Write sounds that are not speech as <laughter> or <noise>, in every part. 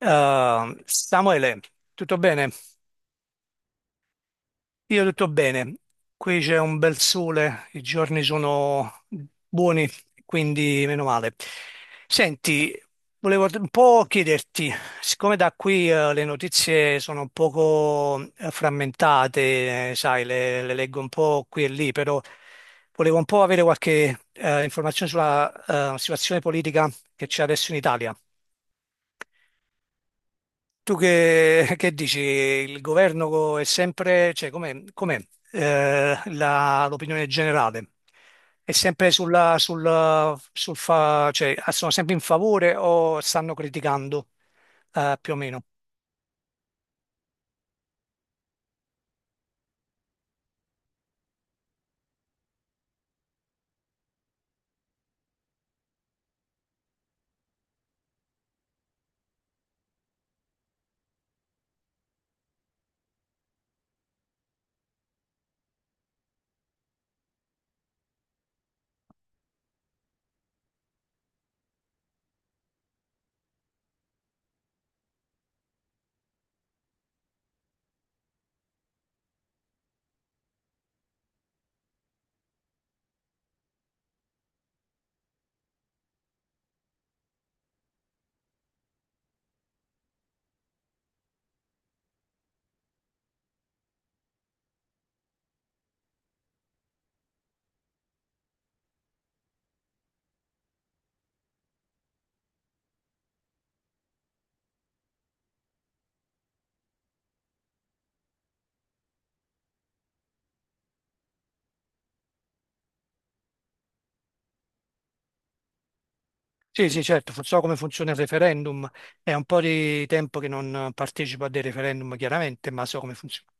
Samuele, tutto bene? Io tutto bene. Qui c'è un bel sole, i giorni sono buoni, quindi meno male. Senti, volevo un po' chiederti, siccome da qui le notizie sono un poco frammentate, sai, le leggo un po' qui e lì, però volevo un po' avere qualche informazione sulla situazione politica che c'è adesso in Italia. Tu che dici? È sempre, cioè com'è, l'opinione generale? È sempre cioè, sono sempre in favore o stanno criticando, più o meno? Sì, sì, certo, so come funziona il referendum, è un po' di tempo che non partecipo a dei referendum, chiaramente, ma so come funziona.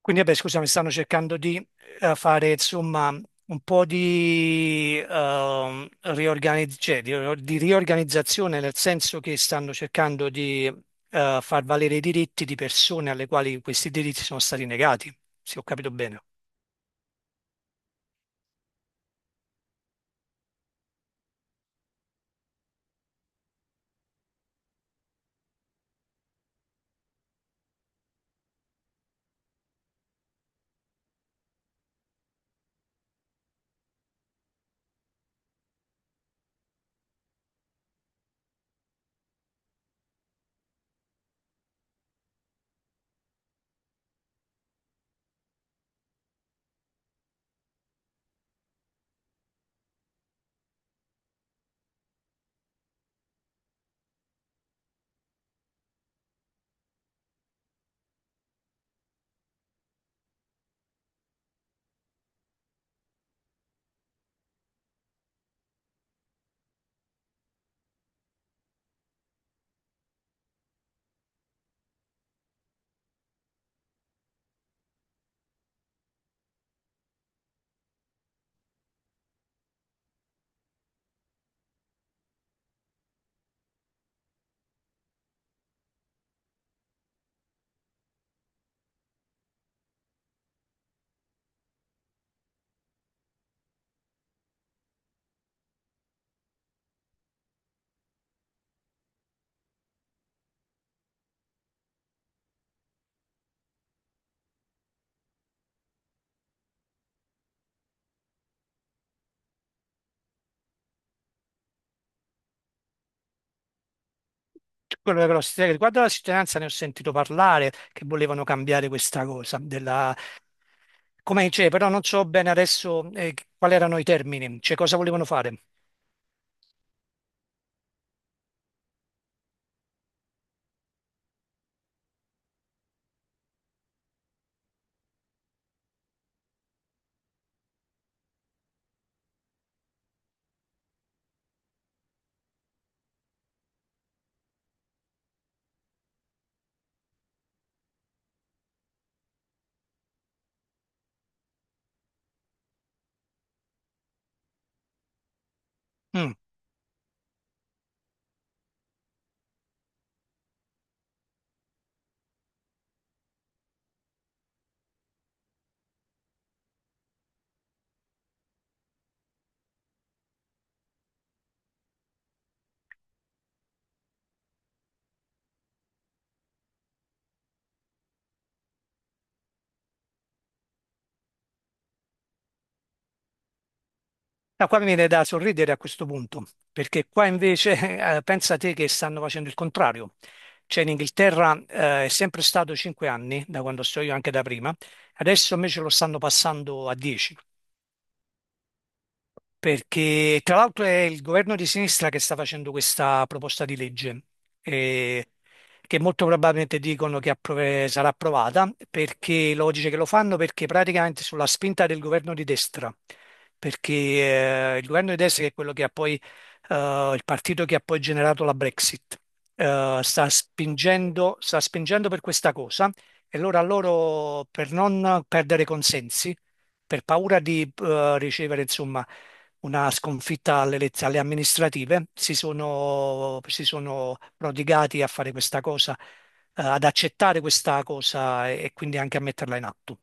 Quindi, vabbè, scusami, stanno cercando di fare, insomma, un po' di, cioè, di riorganizzazione, nel senso che stanno cercando di far valere i diritti di persone alle quali questi diritti sono stati negati, se ho capito bene. Quello che però riguardo alla cittadinanza ne ho sentito parlare, che volevano cambiare questa cosa, della... Come, cioè, però non so bene adesso quali erano i termini, cioè cosa volevano fare. Mm. No, qua mi viene da sorridere a questo punto, perché qua invece <laughs> pensa te che stanno facendo il contrario. Cioè in Inghilterra è sempre stato 5 anni, da quando sto io anche da prima, adesso invece lo stanno passando a 10, perché tra l'altro è il governo di sinistra che sta facendo questa proposta di legge, eh, che molto probabilmente dicono che sarà approvata, perché logiche che lo fanno perché praticamente sulla spinta del governo di destra, perché il governo di destra che è quello che ha poi, il partito che ha poi generato la Brexit, sta spingendo per questa cosa e allora loro per non perdere consensi, per paura di ricevere insomma una sconfitta alle amministrative, si sono prodigati a fare questa cosa, ad accettare questa cosa e quindi anche a metterla in atto.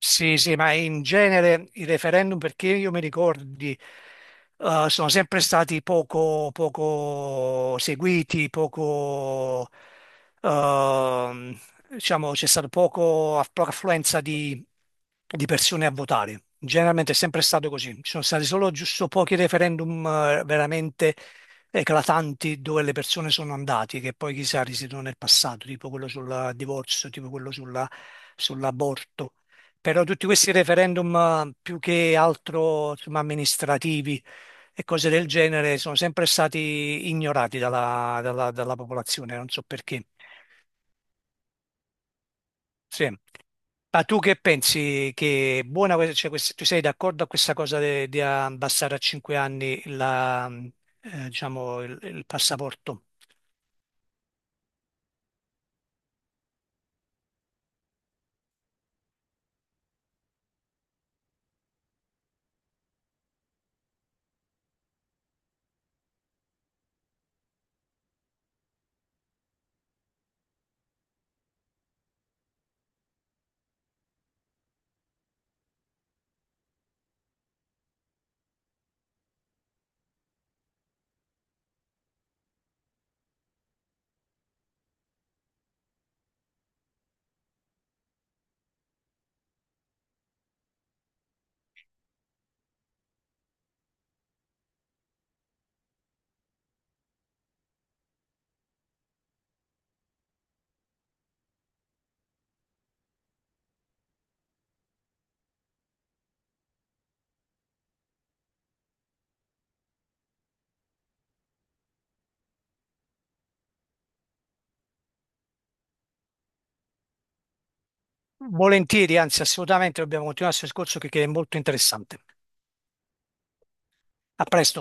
Sì, sì, ma in genere i referendum, perché io mi ricordi, sono sempre stati poco, poco seguiti, poco, ehm, diciamo, c'è stata poco, poca affluenza di persone a votare. Generalmente è sempre stato così. Ci sono stati solo giusto pochi referendum veramente eclatanti dove le persone sono andate, che poi chissà risiedono nel passato, tipo quello sul divorzio, tipo sull'aborto. Però tutti questi referendum più che altro insomma, amministrativi e cose del genere sono sempre stati ignorati dalla popolazione, non so perché. Sì. Ma tu che pensi che è buona, cioè, tu sei d'accordo a questa cosa di abbassare a 5 anni la, diciamo, il passaporto? Volentieri, anzi assolutamente, dobbiamo continuare questo discorso che è molto interessante. A presto.